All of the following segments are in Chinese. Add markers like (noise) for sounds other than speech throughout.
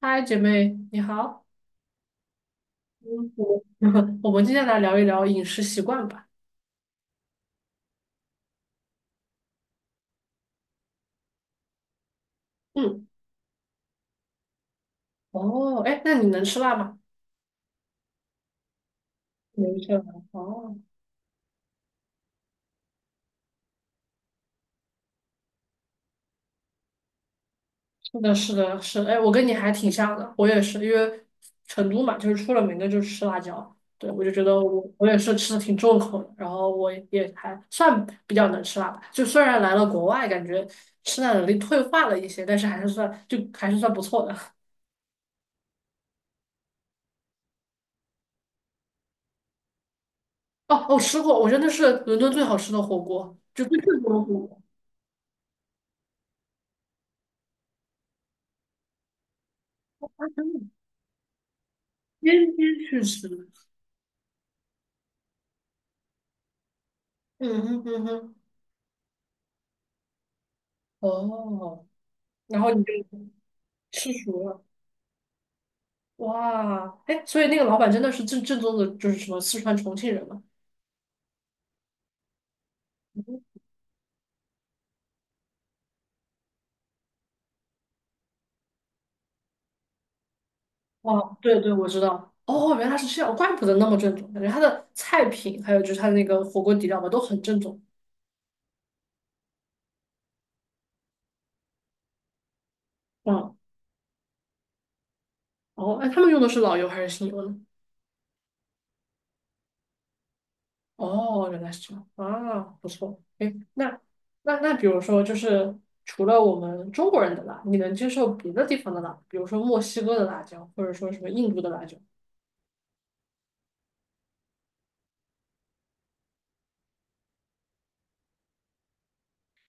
嗨，姐妹，你好。嗯，我 (laughs) 我们今天来聊一聊饮食习惯吧。嗯，哦，哎，那你能吃辣吗？能吃辣。哦，是的，是的，是的，哎，我跟你还挺像的，我也是，因为成都嘛，就是出了名的就是吃辣椒。对，我就觉得我也是吃的挺重口的，然后我也还算比较能吃辣吧。就虽然来了国外，感觉吃辣能力退化了一些，但是还是算不错的。哦，我吃过，我真的是伦敦最好吃的火锅，就最正宗的火锅。天天去吃，嗯哼嗯哼，哦，然后你就吃熟了，哇，哎，所以那个老板真的是正宗的，就是什么四川重庆人嘛？哇，对对，我知道，哦，原来是这样，怪不得那么正宗，感觉他的菜品还有就是他的那个火锅底料吧，都很正宗。嗯，哦，哎，他们用的是老油还是新油呢？哦，原来是这样啊，不错。哎，那，比如说，就是除了我们中国人的辣，你能接受别的地方的辣，比如说墨西哥的辣椒，或者说什么印度的辣椒？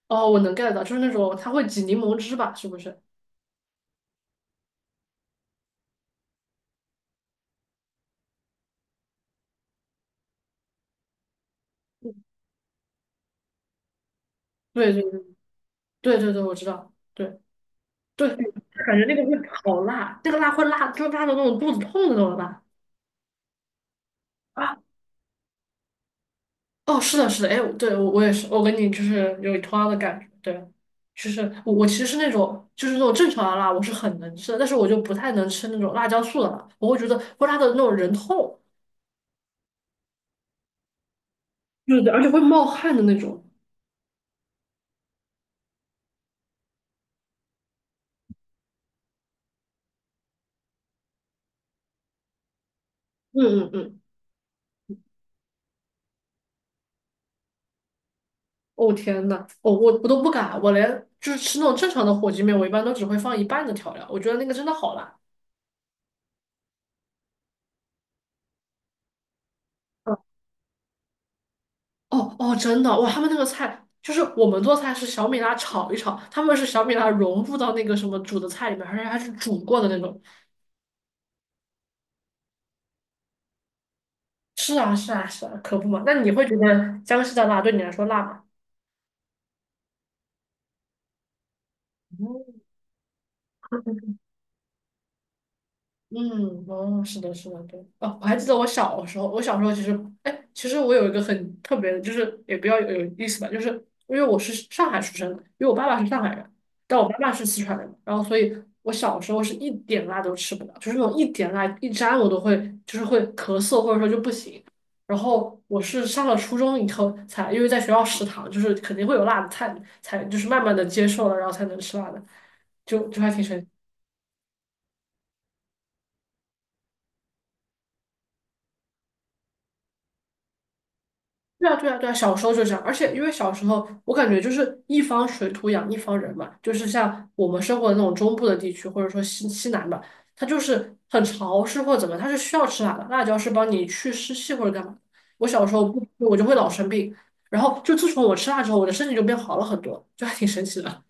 哦，我能 get 到，就是那种它会挤柠檬汁吧？是不是？对，对，对，对，对，对，我知道。对，对，对，感觉那个会好辣，那个辣会辣，就辣到那种肚子痛的那种辣。啊。哦，是的，是的，哎，对，我也是，我跟你就是有同样的感觉，对，就是我其实是那种正常的辣，我是很能吃的，但是我就不太能吃那种辣椒素的辣，我会觉得会辣的那种人痛，对对，而且会冒汗的那种。嗯嗯嗯，哦天呐，我都不敢，我连就是吃那种正常的火鸡面，我一般都只会放一半的调料，我觉得那个真的好辣。嗯，哦哦，真的哇！他们那个菜就是我们做菜是小米辣炒一炒，他们是小米辣融入到那个什么煮的菜里面，而且还是煮过的那种。是啊，是啊，是啊，可不嘛。那你会觉得江西的辣对你来说辣吗？嗯，哦，是的，是的，对，哦，我还记得我小时候，我小时候其实，哎，其实我有一个很特别的，就是也比较有意思吧，就是因为我是上海出生的，因为我爸爸是上海人，但我妈妈是四川人，然后所以我小时候是一点辣都吃不了，就是那种一点辣一沾我都会就是会咳嗽或者说就不行，然后我是上了初中以后才，因为在学校食堂就是肯定会有辣的菜，才就是慢慢的接受了，然后才能吃辣的，就还挺神奇的。对啊，对啊，对啊，小时候就这样，而且因为小时候我感觉就是一方水土养一方人嘛，就是像我们生活的那种中部的地区，或者说西南吧，它就是很潮湿或者怎么，它是需要吃辣的，辣椒是帮你去湿气或者干嘛。我小时候不吃我就会老生病，然后就自从我吃辣之后，我的身体就变好了很多，就还挺神奇的。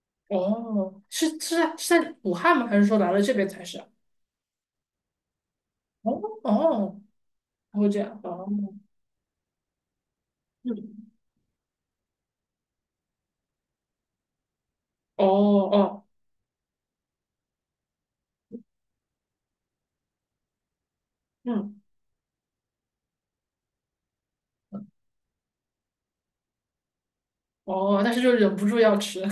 (laughs) 哦，是是在是在武汉吗？还是说来了这边才是？哦哦，会这样哦，嗯，哦哦，嗯。哦，但是就忍不住要吃，(laughs)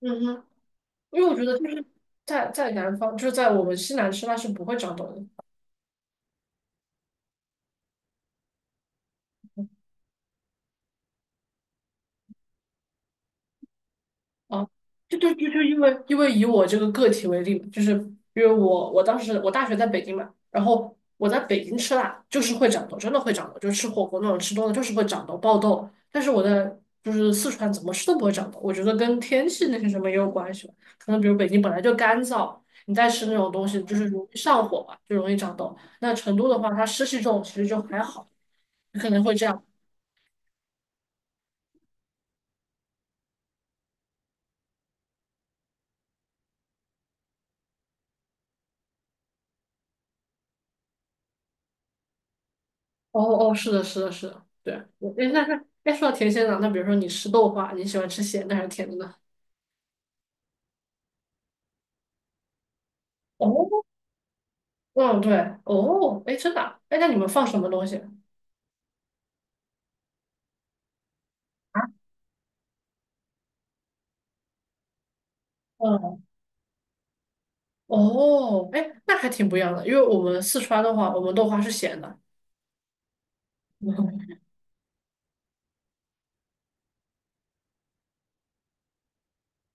嗯哼，因为我觉得就是在南方，就是在我们西南吃，它是不会长痘的。啊，就因为以我这个个体为例嘛，就是因为我当时我大学在北京嘛，然后我在北京吃辣就是会长痘，真的会长痘，就是吃火锅那种吃多了就是会长痘爆痘。但是我在就是四川怎么吃都不会长痘，我觉得跟天气那些什么也有关系吧。可能比如北京本来就干燥，你再吃那种东西就是容易上火吧，就容易长痘。那成都的话，它湿气重，其实就还好，可能会。哦哦，是的，是的，是的，对。我哎，那哎，说到甜鲜的，那比如说你吃豆花，你喜欢吃咸的还是甜的呢？哦，嗯，对，哦，哎，真的啊，哎，那你们放什么东西？啊？嗯，哦，哎，那还挺不一样的，因为我们四川的话，我们豆花是咸的。嗯，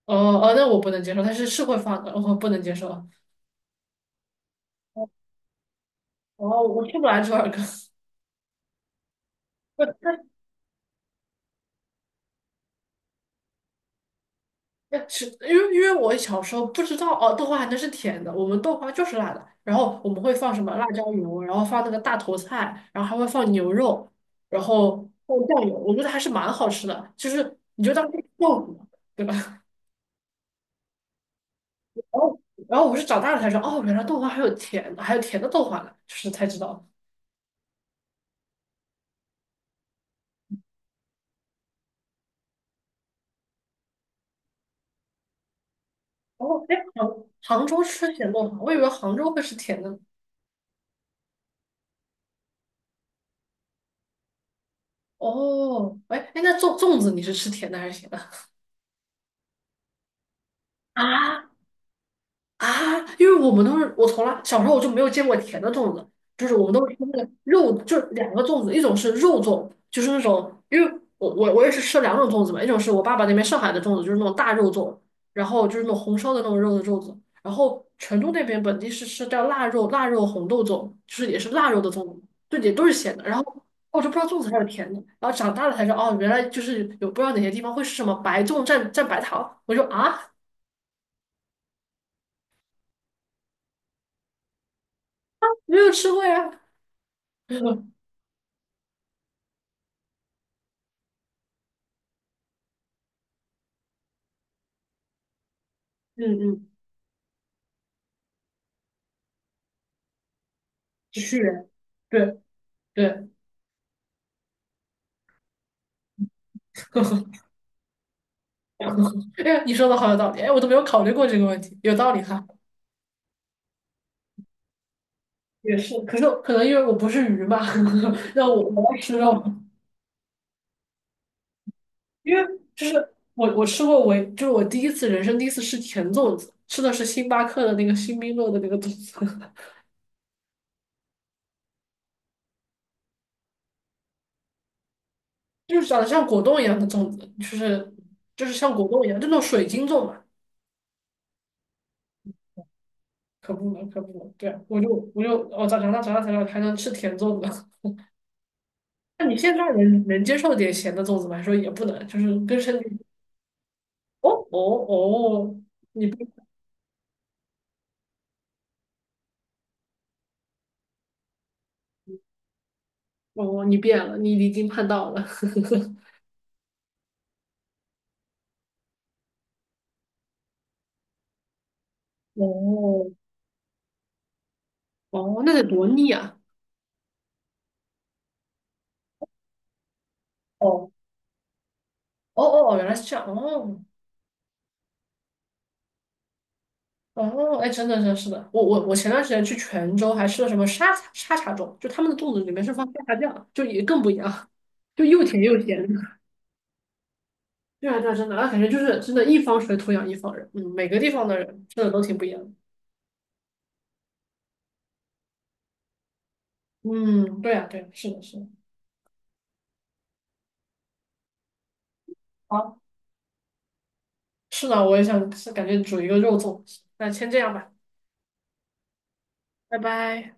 哦哦，那我不能接受，但是是会放的，我不能接受。哦，我吃不来这玩意儿。(laughs) 哎，是因为我小时候不知道哦，豆花还能是甜的，我们豆花就是辣的，然后我们会放什么辣椒油，然后放那个大头菜，然后还会放牛肉，然后放酱油，我觉得还是蛮好吃的，就是你就当是豆腐嘛，对吧？(laughs) 然后然后我是长大了才知道，哦，原来豆花还有甜的，还有甜的豆花呢，就是才知道。然后哎，杭州吃甜豆花，我以为杭州会吃甜的呢。哦，哎哎，那粽子你是吃甜的还是咸的？(laughs) 啊，啊，因为我们都是我从来小时候我就没有见过甜的粽子，就是我们都是吃那个肉，就是两个粽子，一种是肉粽，就是那种，因为我也是吃两种粽子嘛，一种是我爸爸那边上海的粽子，就是那种大肉粽，然后就是那种红烧的那种肉的粽子，然后成都那边本地是吃叫腊肉红豆粽，就是也是腊肉的粽子，对，也都是咸的，然后我就不知道粽子还有甜的，然后长大了才知道哦，原来就是有不知道哪些地方会是什么白粽蘸蘸白糖，我就啊没有吃过呀。(laughs) 嗯嗯，是，对对，(laughs) 呵呵，哎呀，(laughs) 你说的好有道理，哎，我都没有考虑过这个问题，有道理哈。也是，可是可能因为我不是鱼吧，(laughs) 让我要吃肉，因为就是我吃过我就是我第一次人生第一次吃甜粽子，吃的是星巴克的那个星冰乐的那个粽子，(laughs) 就是长得像果冻一样的粽子，就是像果冻一样，就那种水晶粽嘛，可不能可不能，对啊，我长大才知道还能吃甜粽子。那你现在能接受点咸的粽子吗？还说也不能，就是根深蒂固。哦哦哦哦，你变了，你离经叛道了。(laughs) 哦哦哦，那得多腻啊！哦哦哦，原来是这样。哦哦，哎，真的真是的。我前段时间去泉州还吃了什么沙茶粽，就他们的粽子里面是放沙茶酱，就也更不一样，就又甜又咸。(laughs) 对啊，对啊，真的，那感觉就是真的，一方水土养一方人。嗯，每个地方的人吃的都挺不一样的。嗯，对啊，对啊，是的是的。好，是的，我也想是感觉煮一个肉粽。那先这样吧，拜拜。